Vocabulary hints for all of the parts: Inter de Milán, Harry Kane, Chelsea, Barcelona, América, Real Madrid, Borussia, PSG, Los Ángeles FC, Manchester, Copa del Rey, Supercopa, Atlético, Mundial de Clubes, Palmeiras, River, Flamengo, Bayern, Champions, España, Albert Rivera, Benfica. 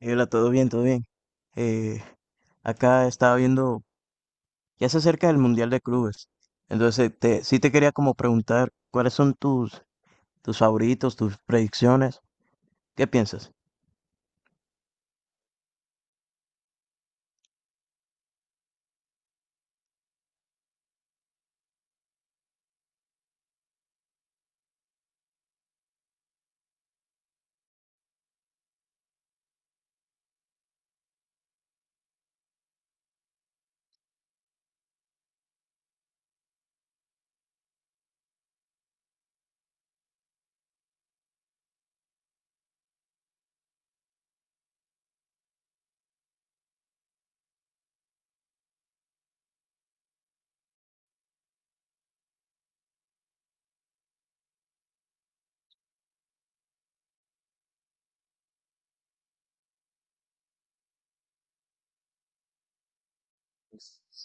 Hola, todo bien, todo bien. Eh, Acá estaba viendo, ya se acerca el Mundial de Clubes. Entonces, te, sí te quería como preguntar cuáles son tus, tus favoritos, tus predicciones. ¿Qué piensas?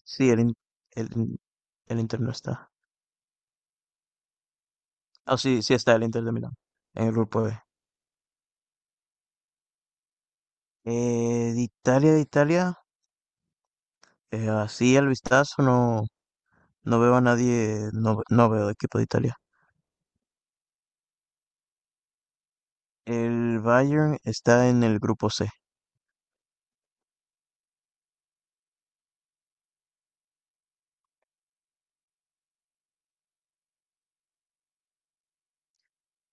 Sí, el, el Inter no está. Ah, sí, sí está el Inter de Milán, en el grupo B. De Italia, de Italia, así al vistazo no, no veo a nadie, no, no veo equipo de Italia. El Bayern está en el grupo C.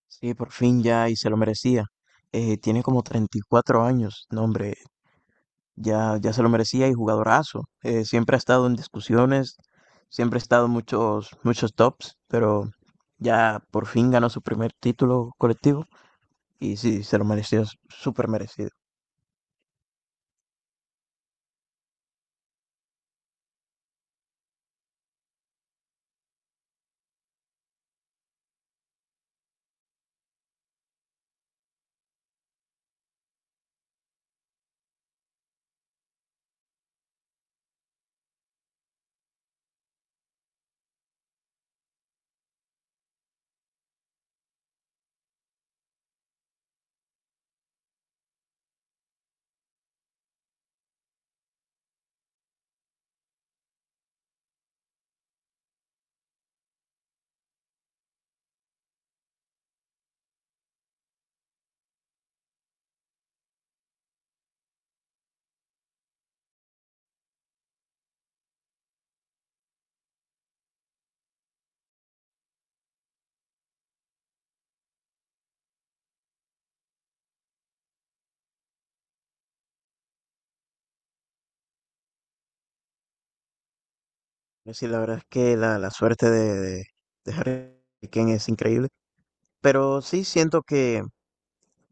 Sí, por fin ya y se lo merecía. Tiene como 34 años, no hombre, ya, ya se lo merecía y jugadorazo. Siempre ha estado en discusiones, siempre ha estado en muchos, muchos tops, pero ya por fin ganó su primer título colectivo y sí, se lo mereció, súper merecido. Sí, la verdad es que la suerte de Harry Kane es increíble, pero sí siento que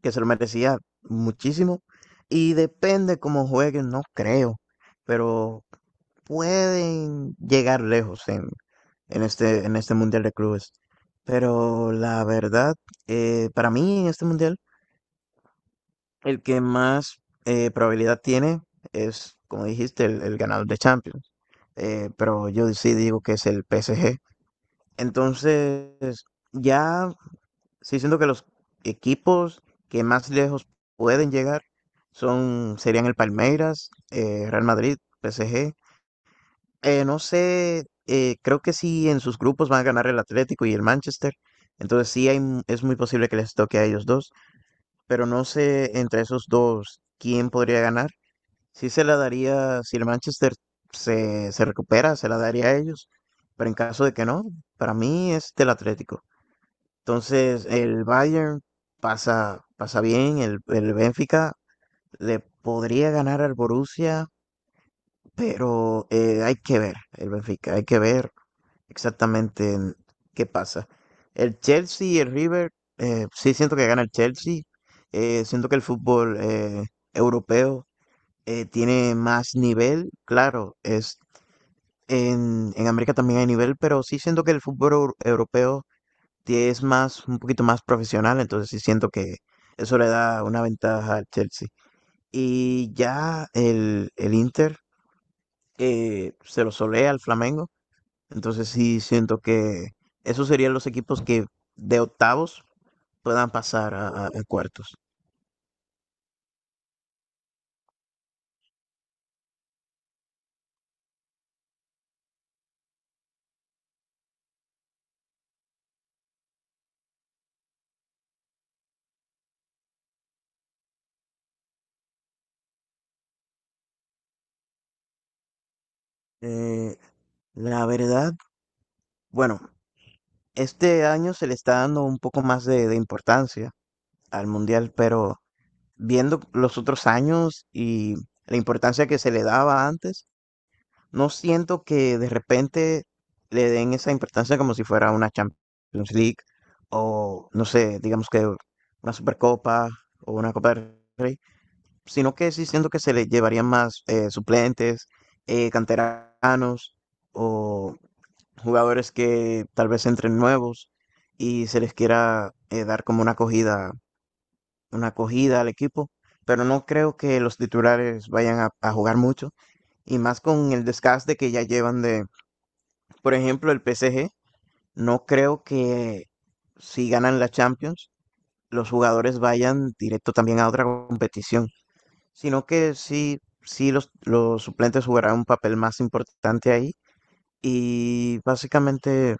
se lo merecía muchísimo. Y depende cómo jueguen, no creo, pero pueden llegar lejos en este Mundial de Clubes. Pero la verdad, para mí en este Mundial, el que más probabilidad tiene es, como dijiste, el ganador de Champions. Pero yo sí digo que es el PSG. Entonces, ya sí siento que los equipos que más lejos pueden llegar son, serían el Palmeiras, Real Madrid, PSG. No sé, creo que sí en sus grupos van a ganar el Atlético y el Manchester. Entonces sí hay, es muy posible que les toque a ellos dos, pero no sé entre esos dos quién podría ganar. Sí se la daría, si el Manchester se, se recupera, se la daría a ellos, pero en caso de que no, para mí es del Atlético. Entonces, el Bayern pasa, pasa bien, el Benfica le podría ganar al Borussia, pero hay que ver el Benfica, hay que ver exactamente en qué pasa. El Chelsea y el River, sí siento que gana el Chelsea, siento que el fútbol europeo tiene más nivel, claro, es en América también hay nivel, pero sí siento que el fútbol europeo es más, un poquito más profesional, entonces sí siento que eso le da una ventaja al Chelsea. Y ya el Inter se lo solea al Flamengo, entonces sí siento que esos serían los equipos que de octavos puedan pasar a, a cuartos. Eh, la verdad, bueno, este año se le está dando un poco más de importancia al Mundial, pero viendo los otros años y la importancia que se le daba antes, no siento que de repente le den esa importancia como si fuera una Champions League o, no sé, digamos que una Supercopa o una Copa del Rey, sino que sí siento que se le llevarían más suplentes, canteranos o jugadores que tal vez entren nuevos y se les quiera dar como una acogida al equipo, pero no creo que los titulares vayan a jugar mucho y más con el desgaste que ya llevan de por ejemplo, el PSG, no creo que si ganan la Champions, los jugadores vayan directo también a otra competición, sino que sí, sí los suplentes jugarán un papel más importante ahí. Y básicamente,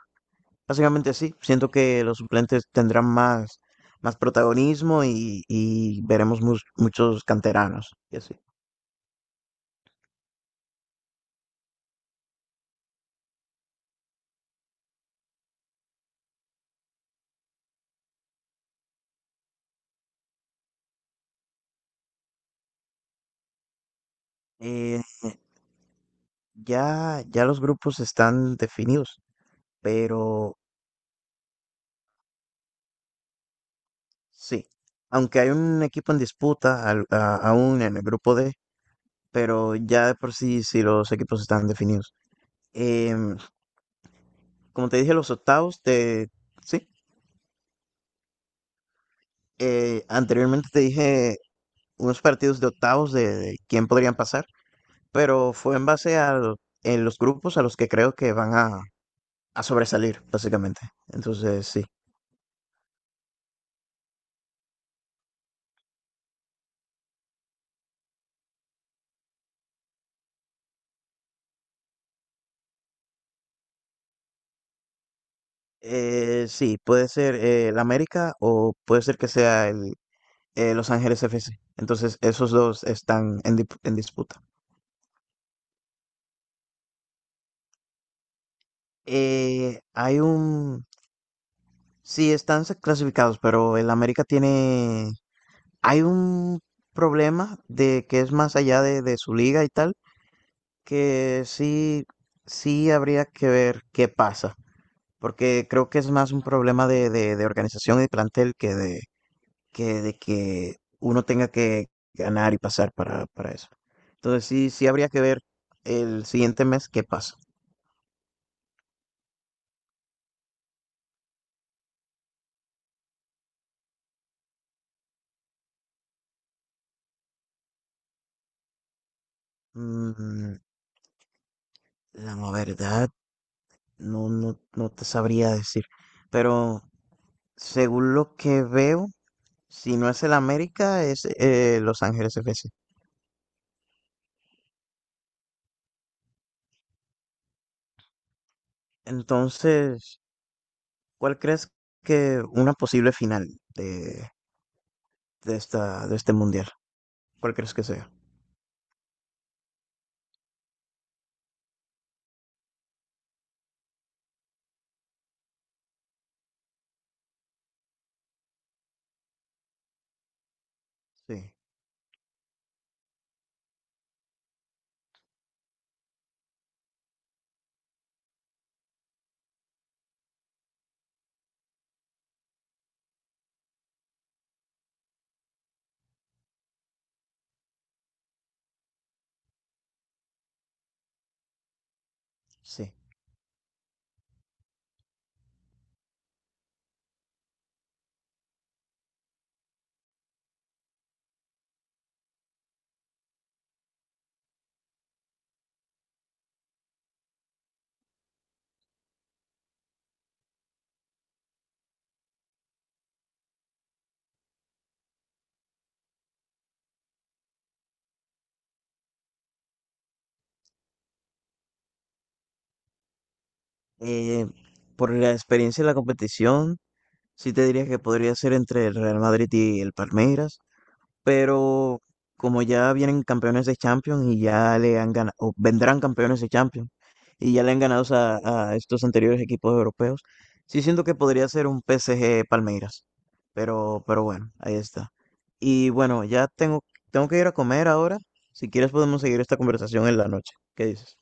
básicamente sí, siento que los suplentes tendrán más, más protagonismo y veremos muchos canteranos y así. Eh, ya, ya los grupos están definidos, pero sí, aunque hay un equipo en disputa aún en el grupo D, pero ya de por sí, sí los equipos están definidos. Em, como te dije, los octavos de... Sí, anteriormente te dije unos partidos de octavos de quién podrían pasar, pero fue en base a en los grupos a los que creo que van a sobresalir, básicamente. Entonces, sí. Sí, puede ser el América o puede ser que sea el Los Ángeles FC. Entonces, esos dos están en, en disputa. Hay un... Sí, están clasificados, pero el América tiene... Hay un problema de que es más allá de su liga y tal, que sí, sí habría que ver qué pasa, porque creo que es más un problema de organización y de plantel que de, que de que uno tenga que ganar y pasar para eso. Entonces sí, sí habría que ver el siguiente mes qué pasa. Mm, la verdad, no, no, no te sabría decir, pero según lo que veo, si no es el América, es Los Ángeles FC. Entonces, ¿cuál crees que una posible final de, de esta, de este mundial? ¿Cuál crees que sea? Sí. Sí. Eh, por la experiencia de la competición, sí te diría que podría ser entre el Real Madrid y el Palmeiras, pero como ya vienen campeones de Champions y ya le han ganado, o vendrán campeones de Champions y ya le han ganado a estos anteriores equipos europeos, sí siento que podría ser un PSG Palmeiras, pero bueno, ahí está. Y bueno, ya tengo, tengo que ir a comer ahora. Si quieres podemos seguir esta conversación en la noche. ¿Qué dices?